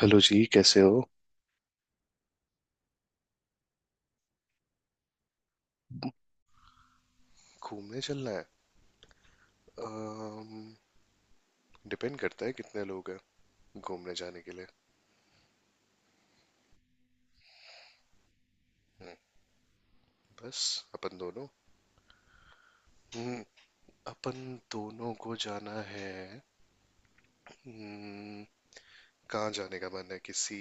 Hello जी, कैसे हो? घूमने चलना है। अम, डिपेंड करता है कितने लोग हैं घूमने जाने के लिए। हम्म। बस अपन दोनों। हम्म। अपन दोनों को जाना है। हम्म। कहाँ जाने का मन है, किसी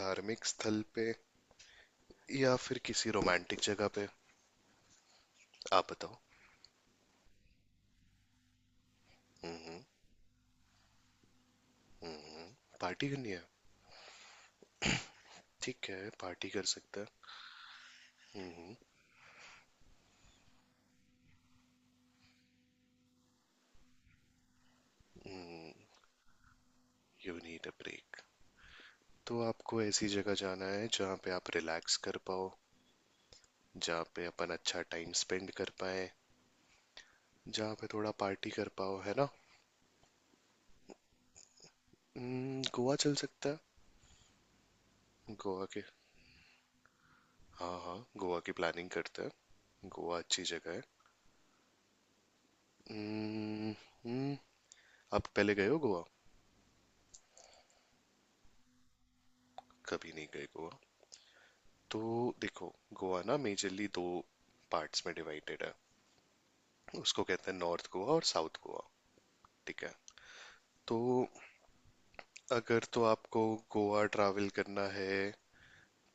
धार्मिक स्थल पे या फिर किसी रोमांटिक जगह पे? आप बताओ। हम्म। हम्म। पार्टी करनी है। ठीक है, पार्टी कर सकते हैं। हम्म। हम्म। You need a break. तो आपको ऐसी जगह जाना है जहाँ पे आप रिलैक्स कर पाओ, जहाँ पे अपन अच्छा टाइम स्पेंड कर पाए, जहाँ पे थोड़ा पार्टी कर पाओ, है ना? गोवा चल सकता है। गोवा के, हाँ हाँ, गोवा की प्लानिंग करते हैं, गोवा अच्छी जगह है। हम्म। हम्म। आप पहले गए हो गोवा? कभी नहीं गए गोवा। तो देखो, गोवा ना मेजरली दो पार्ट्स में डिवाइडेड है। उसको कहते हैं नॉर्थ गोवा और साउथ गोवा। ठीक है। तो अगर तो आपको गोवा ट्रैवल करना है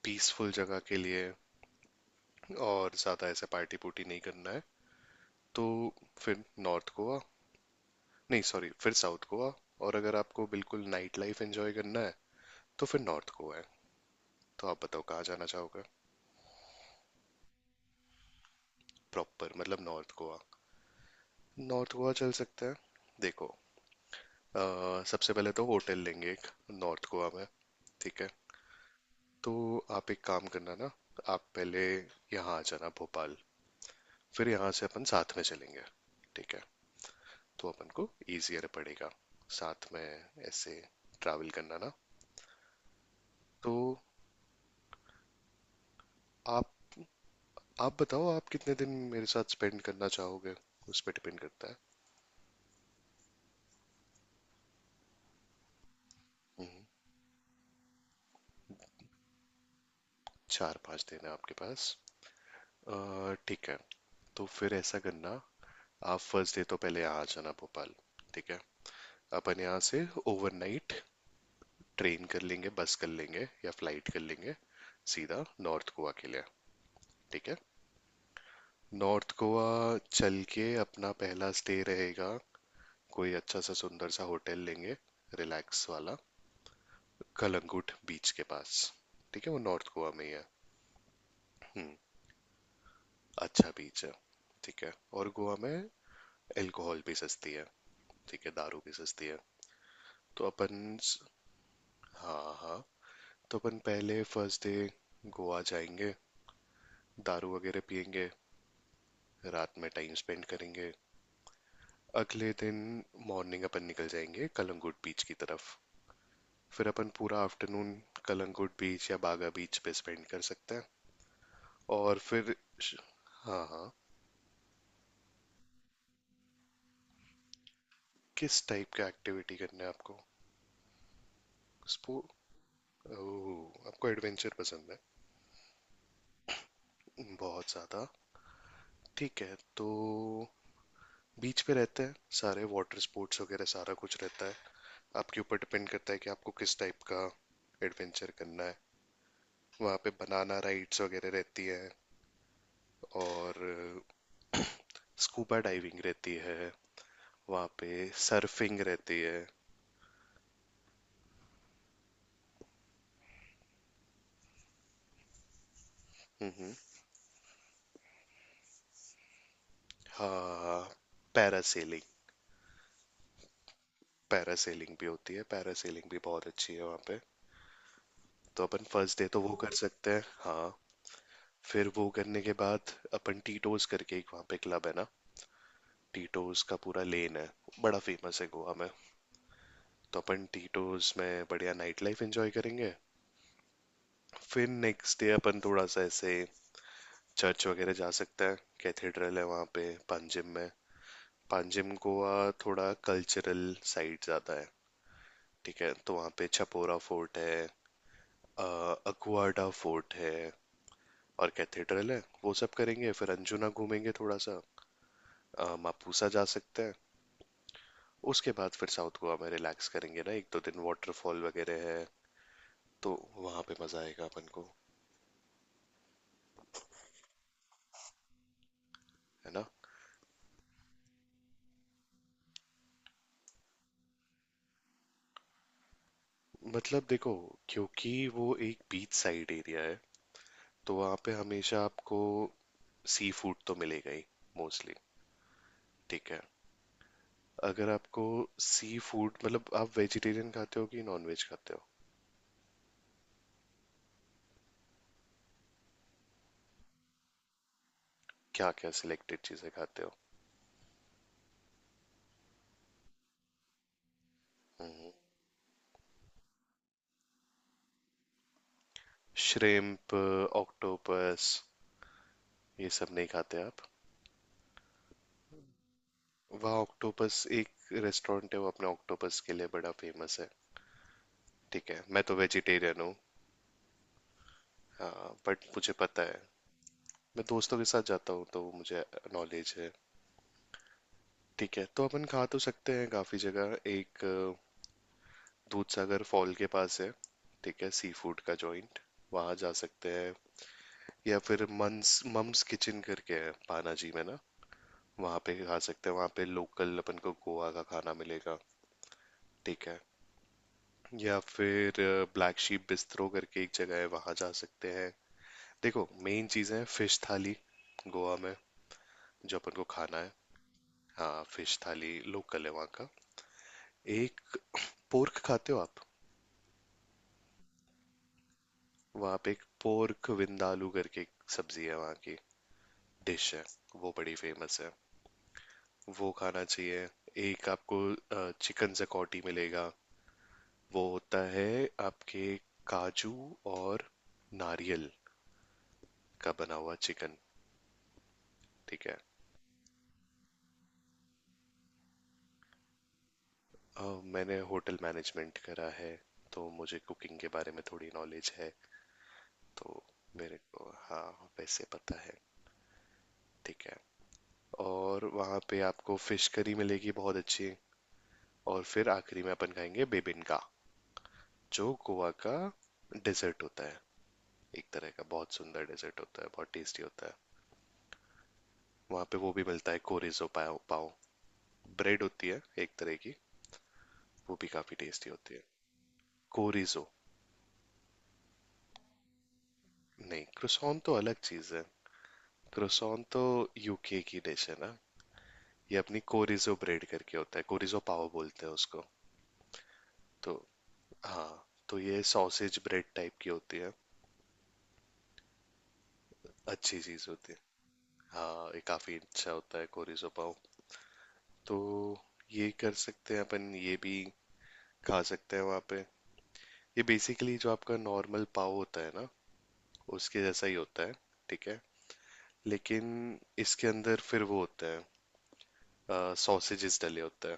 पीसफुल जगह के लिए और ज़्यादा ऐसे पार्टी पुर्टी नहीं करना है तो फिर नॉर्थ गोवा, नहीं सॉरी, फिर साउथ गोवा। और अगर आपको बिल्कुल नाइट लाइफ एंजॉय करना है तो फिर नॉर्थ गोवा है। तो आप बताओ कहाँ जाना चाहोगे? प्रॉपर मतलब नॉर्थ गोवा। नॉर्थ गोवा चल सकते हैं। देखो, सबसे पहले तो होटल लेंगे एक नॉर्थ गोवा में। ठीक है। तो आप एक काम करना ना, आप पहले यहाँ आ जाना भोपाल, फिर यहाँ से अपन साथ में चलेंगे। ठीक है। तो अपन को इजियर पड़ेगा साथ में ऐसे ट्रैवल करना ना। तो आप आप बताओ आप कितने दिन मेरे साथ स्पेंड करना चाहोगे, उस पर डिपेंड करता है। हम्म। चार पांच दिन है आपके पास। ठीक है, तो फिर ऐसा करना, आप फर्स्ट डे तो पहले यहाँ आ जाना भोपाल। ठीक है। अपन यहाँ से ओवरनाइट ट्रेन कर लेंगे, बस कर लेंगे या फ्लाइट कर लेंगे, सीधा नॉर्थ गोवा के लिए। ठीक है। नॉर्थ गोवा चल के अपना पहला स्टे रहेगा। कोई अच्छा सा सुंदर सा होटल लेंगे, रिलैक्स वाला, कलंगुट बीच के पास। ठीक है, वो नॉर्थ गोवा में ही है। हम्म। अच्छा बीच है। ठीक है। और गोवा में अल्कोहल भी सस्ती है, ठीक है, दारू भी सस्ती है। तो अपन, हाँ हाँ, तो अपन पहले फर्स्ट डे गोवा जाएंगे, दारू वगैरह पियेंगे, रात में टाइम स्पेंड करेंगे। अगले दिन मॉर्निंग अपन निकल जाएंगे कलंगुट बीच की तरफ। फिर अपन पूरा आफ्टरनून कलंगुट बीच या बागा बीच पे स्पेंड कर सकते हैं। और फिर श- हाँ हाँ, किस टाइप का एक्टिविटी करना है आपको? स्पोर्ट। ओह, आपको एडवेंचर पसंद है? बहुत ज़्यादा। ठीक है, तो बीच पे रहते हैं सारे वाटर स्पोर्ट्स वगैरह, सारा कुछ रहता है। आपके ऊपर डिपेंड करता है कि आपको किस टाइप का एडवेंचर करना है। वहाँ पे बनाना राइड्स वगैरह रहती हैं, और स्कूबा डाइविंग रहती है, वहाँ पे सर्फिंग रहती है। हम्म। हम्म। हाँ, पैरासेलिंग। पैरासेलिंग भी होती है, पैरासेलिंग भी बहुत अच्छी है वहाँ पे। तो अपन फर्स्ट डे तो वो कर सकते हैं, हाँ। फिर वो करने के बाद अपन टीटोज करके एक वहाँ पे क्लब है ना, टीटोज का पूरा लेन है, बड़ा फेमस है गोवा में। तो अपन टीटोज में बढ़िया नाइट लाइफ एंजॉय करेंगे। फिर नेक्स्ट डे अपन थोड़ा सा ऐसे चर्च वगैरह जा सकते हैं। कैथेड्रल है वहाँ पे पांजिम में, पांजिम गोवा। थोड़ा कल्चरल साइड ज़्यादा है। ठीक है, तो वहाँ पे छपोरा फोर्ट है, अक्वाडा फोर्ट है, और कैथेड्रल है, वो सब करेंगे, फिर अंजुना घूमेंगे थोड़ा सा, मापुसा जा सकते हैं। उसके बाद फिर साउथ गोवा में रिलैक्स करेंगे ना, एक दो दिन, वाटरफॉल वगैरह है, तो वहां पे मजा आएगा अपन को। है ना? मतलब देखो, क्योंकि वो एक बीच साइड एरिया है, तो वहां पे हमेशा आपको सी फूड तो मिलेगा ही, मोस्टली। ठीक है। अगर आपको सी फूड, मतलब आप वेजिटेरियन खाते हो कि नॉन वेज खाते हो? क्या क्या सिलेक्टेड चीजें खाते हो? श्रिम्प, ऑक्टोपस, ये सब नहीं खाते आप? वहाँ ऑक्टोपस एक रेस्टोरेंट है, वो अपने ऑक्टोपस के लिए बड़ा फेमस है। ठीक है, मैं तो वेजिटेरियन हूँ। हाँ, बट मुझे पता है। मैं दोस्तों के साथ जाता हूँ तो मुझे नॉलेज है। ठीक है, तो अपन खा तो सकते हैं काफ़ी जगह। एक दूध सागर फॉल के पास है, ठीक है, सी फूड का जॉइंट, वहाँ जा सकते हैं। या फिर मंस मम्स किचन करके है पानाजी में ना, वहाँ पे खा सकते हैं, वहाँ पे लोकल अपन को गोवा का खाना मिलेगा। ठीक है। या फिर ब्लैक शीप बिस्ट्रो करके एक जगह है, वहां जा सकते हैं। देखो, मेन चीज है फिश थाली गोवा में, जो अपन को खाना है। हाँ, फिश थाली लोकल है वहाँ का। एक, पोर्क खाते हो आप? वहाँ पे एक पोर्क विंदालू करके एक सब्जी है वहाँ की, डिश है, वो बड़ी फेमस है, वो खाना चाहिए। एक आपको चिकन जकौटी मिलेगा, वो होता है आपके काजू और नारियल का बना हुआ चिकन। ठीक है। अ, मैंने होटल मैनेजमेंट करा है, तो मुझे कुकिंग के बारे में थोड़ी नॉलेज है। तो मेरे को, हाँ, वैसे पता है। ठीक है। और वहाँ पे आपको फिश करी मिलेगी बहुत अच्छी। और फिर आखिरी में अपन खाएंगे बेबिनका, जो गोवा का डेजर्ट होता है, एक तरह का बहुत सुंदर डेजर्ट होता है, बहुत टेस्टी होता है। वहाँ पे वो भी मिलता है, कोरिजो पाव। पाव ब्रेड होती है एक तरह की, वो भी काफी टेस्टी होती है। कोरिजो। नहीं, क्रोसॉन तो अलग चीज है, क्रोसॉन तो यूके की डिश है ना, ये अपनी कोरिजो ब्रेड करके होता है, कोरिजो पाव बोलते हैं उसको। तो हाँ, तो ये सॉसेज ब्रेड टाइप की होती है, अच्छी चीज होती है। हाँ, ये काफी अच्छा होता है कोरिजो पाव। तो ये कर सकते हैं अपन, ये भी खा सकते हैं वहाँ पे। ये बेसिकली जो आपका नॉर्मल पाव होता है ना, उसके जैसा ही होता है। ठीक है। लेकिन इसके अंदर फिर वो होता है, सॉसेजेस डले होते हैं।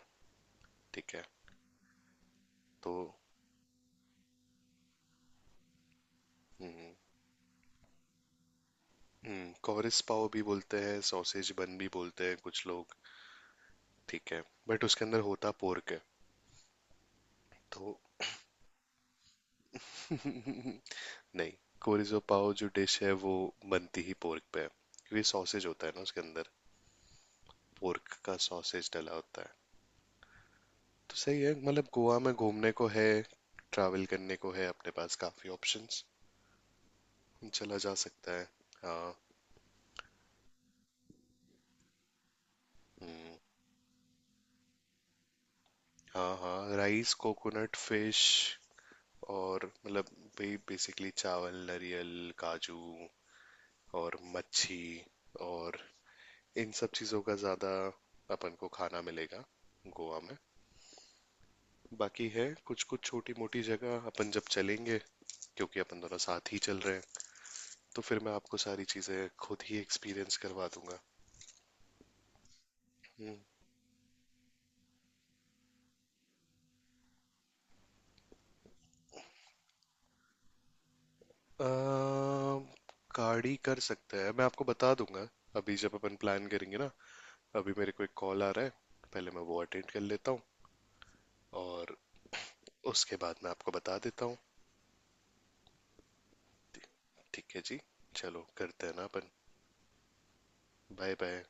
ठीक है। तो हम्म। कॉरिस पाव भी बोलते हैं, सॉसेज बन भी बोलते हैं कुछ लोग। ठीक है, बट उसके अंदर होता पोर्क है। तो नहीं, कोरिजो पाव जो डिश है वो बनती ही पोर्क पे है, क्योंकि सॉसेज होता है ना उसके अंदर, पोर्क का सॉसेज डला होता है। तो सही है, मतलब गोवा में घूमने को है, ट्रैवल करने को है, अपने पास काफ़ी ऑप्शंस, चला जा सकता है। हाँ। हम्म। हाँ हाँ, राइस कोकोनट फिश, और मतलब वही बेसिकली चावल नरियल काजू और मच्छी, और इन सब चीज़ों का ज़्यादा अपन को खाना मिलेगा गोवा में। बाकी है कुछ कुछ छोटी मोटी जगह, अपन जब चलेंगे, क्योंकि अपन दोनों साथ ही चल रहे हैं, तो फिर मैं आपको सारी चीज़ें खुद ही एक्सपीरियंस करवा दूंगा। हम्म। अ, गाड़ी कर सकते हैं, मैं आपको बता दूंगा, अभी जब अपन प्लान करेंगे ना। अभी मेरे को एक कॉल आ रहा है, पहले मैं वो अटेंड कर लेता हूँ, और उसके बाद मैं आपको बता देता हूँ। ठीक है जी, चलो करते हैं ना अपन। Bye bye.